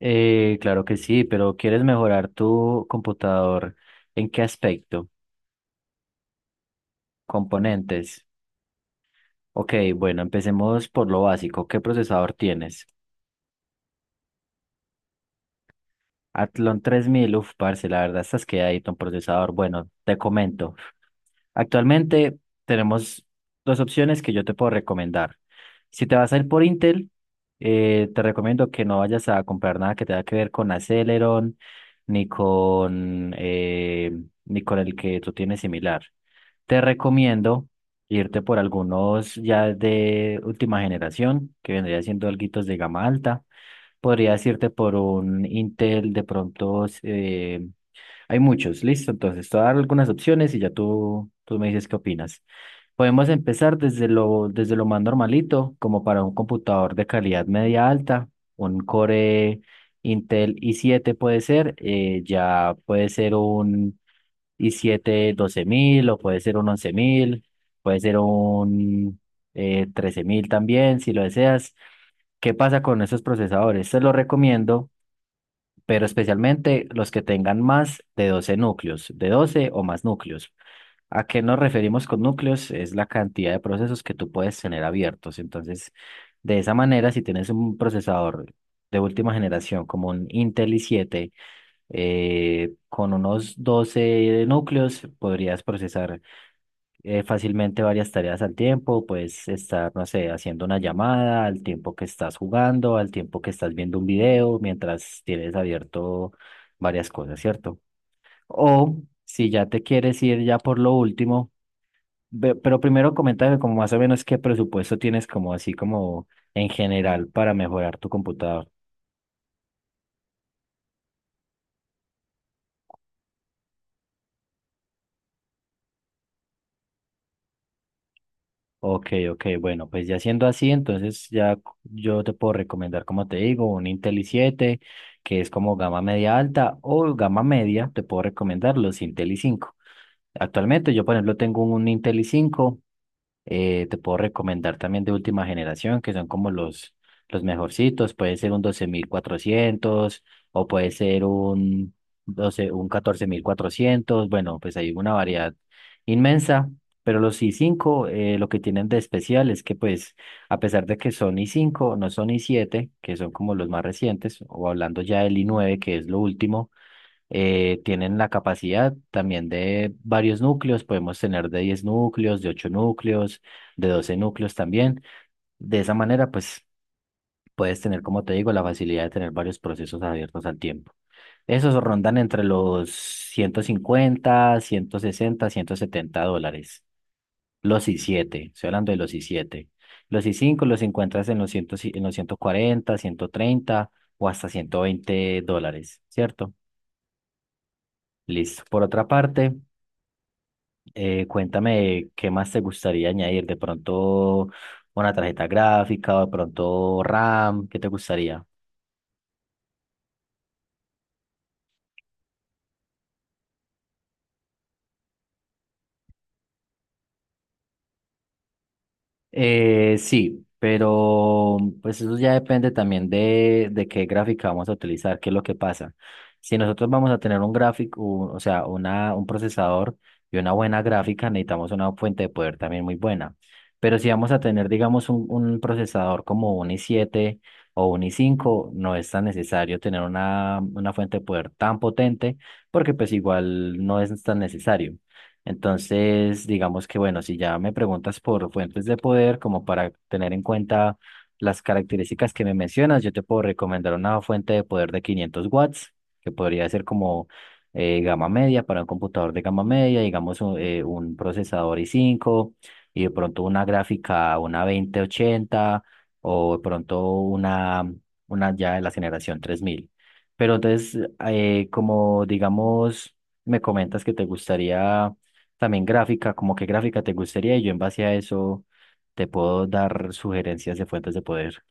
Claro que sí, pero ¿quieres mejorar tu computador? ¿En qué aspecto? Componentes. Ok, bueno, empecemos por lo básico. ¿Qué procesador tienes? Athlon 3000, uf, parce, la verdad estás quedadito un procesador. Bueno, te comento. Actualmente tenemos dos opciones que yo te puedo recomendar. Si te vas a ir por Intel, te recomiendo que no vayas a comprar nada que tenga que ver con Aceleron, ni con, eh, ni con el que tú tienes similar. Te recomiendo irte por algunos ya de última generación, que vendría siendo alguitos de gama alta. Podrías irte por un Intel, de pronto hay muchos, listo. Entonces, te voy a dar algunas opciones y ya tú me dices qué opinas. Podemos empezar desde lo más normalito, como para un computador de calidad media alta, un Core Intel i7 puede ser, ya puede ser un y 7 12 mil o puede ser un 11000, puede ser un 13 mil también si lo deseas. ¿Qué pasa con esos procesadores? Te los recomiendo, pero especialmente los que tengan más de 12 núcleos, de 12 o más núcleos. ¿A qué nos referimos con núcleos? Es la cantidad de procesos que tú puedes tener abiertos. Entonces, de esa manera, si tienes un procesador de última generación como un Intel i siete con unos 12 núcleos podrías procesar fácilmente varias tareas al tiempo, puedes estar, no sé, haciendo una llamada, al tiempo que estás jugando, al tiempo que estás viendo un video, mientras tienes abierto varias cosas, ¿cierto? O si ya te quieres ir ya por lo último, pero primero coméntame como más o menos qué presupuesto tienes como así como en general para mejorar tu computador. Ok, ok, bueno, pues ya siendo así, entonces ya yo te puedo recomendar, como te digo, un Intel i siete que es como gama media alta, o gama media, te puedo recomendar los Intel i cinco. Actualmente yo, por ejemplo, tengo un Intel i cinco. Te puedo recomendar también de última generación, que son como los mejorcitos. Puede ser un 12000 cuatrocientos o puede ser un, 12, un 14400. Bueno, pues hay una variedad inmensa. Pero los i cinco, lo que tienen de especial es que, pues, a pesar de que son i cinco no son i siete que son como los más recientes, o hablando ya del i nueve que es lo último, tienen la capacidad también de varios núcleos, podemos tener de 10 núcleos, de 8 núcleos, de 12 núcleos también. De esa manera, pues puedes tener, como te digo, la facilidad de tener varios procesos abiertos al tiempo. Esos rondan entre los $150, $160, $170. Los i7, estoy hablando de los i7. Los i5 los encuentras en los, 100 en los 140, 130 o hasta $120, ¿cierto? Listo. Por otra parte, cuéntame qué más te gustaría añadir, de pronto una tarjeta gráfica o de pronto RAM, ¿qué te gustaría? Sí, pero pues eso ya depende también de qué gráfica vamos a utilizar, qué es lo que pasa. Si nosotros vamos a tener un gráfico, o sea, un procesador y una buena gráfica, necesitamos una fuente de poder también muy buena. Pero si vamos a tener, digamos, un procesador como un i siete o un i cinco no es tan necesario tener una fuente de poder tan potente, porque pues igual no es tan necesario. Entonces, digamos que bueno, si ya me preguntas por fuentes de poder, como para tener en cuenta las características que me mencionas, yo te puedo recomendar una fuente de poder de 500 watts, que podría ser como gama media para un computador de gama media, digamos un procesador i cinco y de pronto una gráfica, una 2080 o de pronto una ya de la generación 3000. Pero entonces, como digamos, me comentas que te gustaría también gráfica, como qué gráfica te gustaría y yo en base a eso te puedo dar sugerencias de fuentes de poder.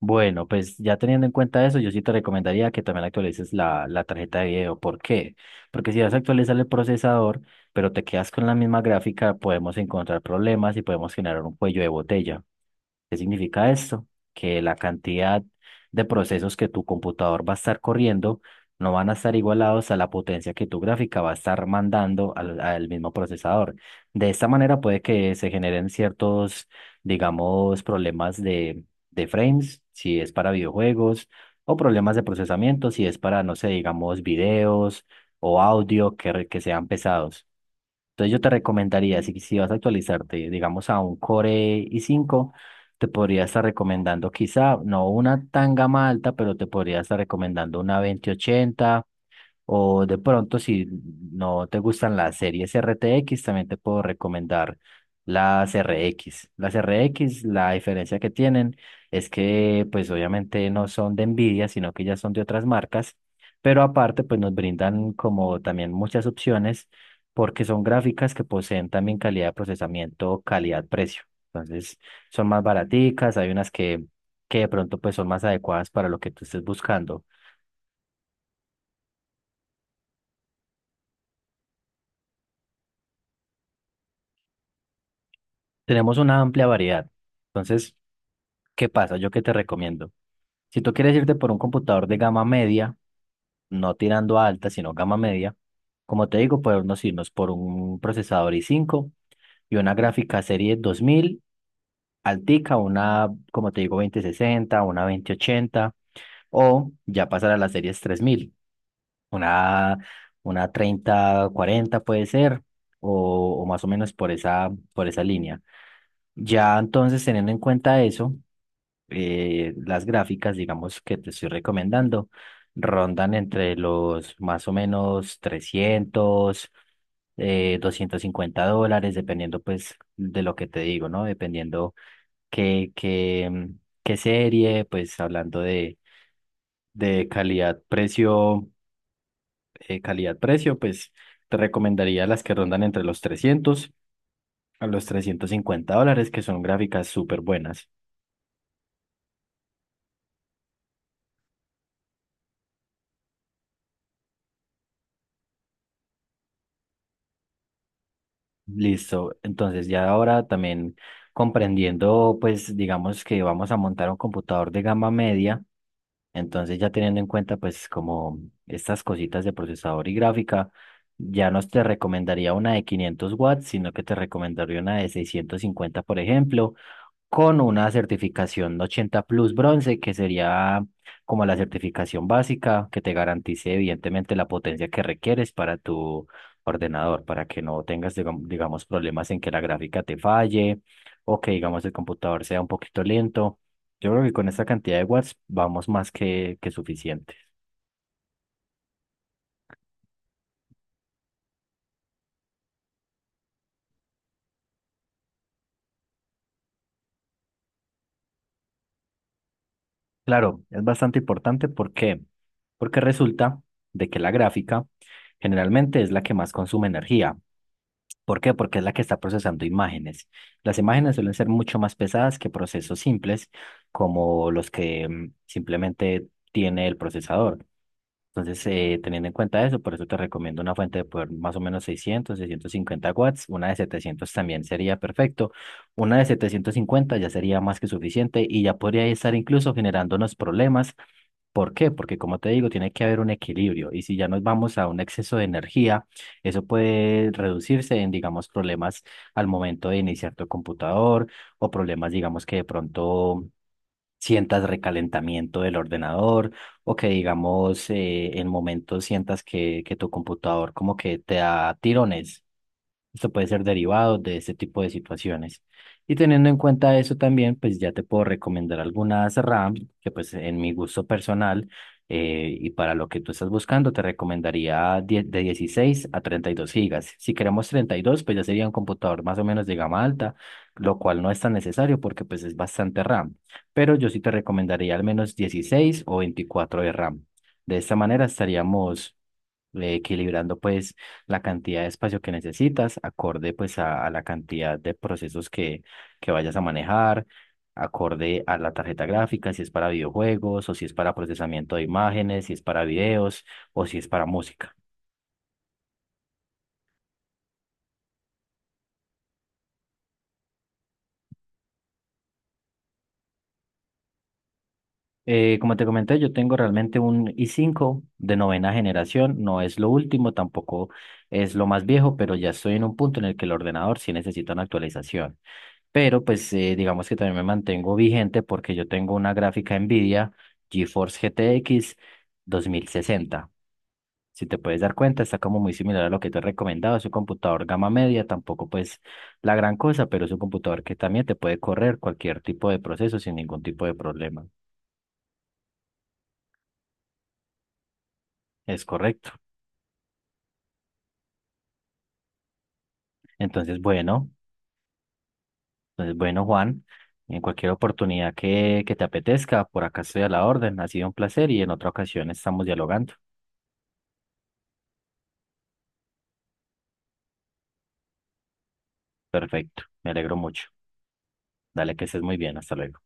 Bueno, pues ya teniendo en cuenta eso, yo sí te recomendaría que también actualices la tarjeta de video. ¿Por qué? Porque si vas a actualizar el procesador, pero te quedas con la misma gráfica, podemos encontrar problemas y podemos generar un cuello de botella. ¿Qué significa esto? Que la cantidad de procesos que tu computador va a estar corriendo no van a estar igualados a la potencia que tu gráfica va a estar mandando al mismo procesador. De esta manera puede que se generen ciertos, digamos, problemas de frames, si es para videojuegos, o problemas de procesamiento, si es para, no sé, digamos, videos o audio que sean pesados. Entonces yo te recomendaría, si vas a actualizarte, digamos, a un Core i cinco, te podría estar recomendando quizá, no una tan gama alta, pero te podría estar recomendando una 2080. O de pronto, si no te gustan las series RTX, también te puedo recomendar las RX. Las R x la diferencia que tienen es que, pues obviamente no son de Nvidia, sino que ya son de otras marcas, pero aparte, pues nos brindan como también muchas opciones porque son gráficas que poseen también calidad de procesamiento, calidad-precio. Entonces, son más baraticas, hay unas que de pronto pues son más adecuadas para lo que tú estés buscando. Tenemos una amplia variedad. Entonces, ¿qué pasa? ¿Yo qué te recomiendo? Si tú quieres irte por un computador de gama media, no tirando a alta, sino gama media, como te digo, podemos irnos por un procesador i5 y una gráfica serie 2000 altica, una, como te digo, 2060 una veinte ochenta o ya pasar a las series 3000 una, una 3040 puede ser, o más o menos por esa línea. Ya entonces, teniendo en cuenta eso, las gráficas, digamos, que te estoy recomendando, rondan entre los más o menos 300 $250, dependiendo pues de lo que te digo, ¿no? Dependiendo qué serie, pues hablando de calidad, precio, pues te recomendaría las que rondan entre los $300 a los $350, que son gráficas súper buenas. Listo. Entonces, ya ahora también comprendiendo, pues digamos que vamos a montar un computador de gama media, entonces ya teniendo en cuenta pues como estas cositas de procesador y gráfica, ya no te recomendaría una de 500 watts, sino que te recomendaría una de 650 por ejemplo, con una certificación 80 Plus Bronce, que sería como la certificación básica que te garantice evidentemente la potencia que requieres para tu ordenador, para que no tengas, digamos, problemas en que la gráfica te falle o que, digamos, el computador sea un poquito lento. Yo creo que con esta cantidad de watts vamos más que suficientes. Claro, es bastante importante porque resulta de que la gráfica generalmente es la que más consume energía. ¿Por qué? Porque es la que está procesando imágenes. Las imágenes suelen ser mucho más pesadas que procesos simples, como los que simplemente tiene el procesador. Entonces, teniendo en cuenta eso, por eso te recomiendo una fuente de poder más o menos 600, 650 watts. Una de 700 también sería perfecto. Una de 750 ya sería más que suficiente y ya podría estar incluso generándonos problemas. ¿Por qué? Porque como te digo, tiene que haber un equilibrio y si ya nos vamos a un exceso de energía, eso puede reducirse en, digamos, problemas al momento de iniciar tu computador o problemas, digamos, que de pronto sientas recalentamiento del ordenador o que, digamos, en momentos sientas que tu computador como que te da tirones. Esto puede ser derivado de este tipo de situaciones. Y teniendo en cuenta eso también, pues ya te puedo recomendar algunas RAM que pues en mi gusto personal y para lo que tú estás buscando, te recomendaría de 16 a 32 gigas. Si queremos 32 pues ya sería un computador más o menos de gama alta, lo cual no es tan necesario porque pues es bastante RAM. Pero yo sí te recomendaría al menos 16 o 24 de RAM. De esta manera estaríamos equilibrando pues la cantidad de espacio que necesitas, acorde pues a la cantidad de procesos que vayas a manejar, acorde a la tarjeta gráfica, si es para videojuegos o si es para procesamiento de imágenes, si es para videos o si es para música. Como te comenté, yo tengo realmente un i cinco de novena generación, no es lo último, tampoco es lo más viejo, pero ya estoy en un punto en el que el ordenador sí necesita una actualización. Pero pues digamos que también me mantengo vigente porque yo tengo una gráfica NVIDIA GeForce GTX 2060. Si te puedes dar cuenta, está como muy similar a lo que te he recomendado. Es un computador gama media, tampoco pues la gran cosa, pero es un computador que también te puede correr cualquier tipo de proceso sin ningún tipo de problema. Es correcto. Entonces, bueno, entonces, bueno, Juan, en cualquier oportunidad que te apetezca, por acá estoy a la orden. Ha sido un placer y en otra ocasión estamos dialogando. Perfecto, me alegro mucho. Dale, que estés muy bien. Hasta luego.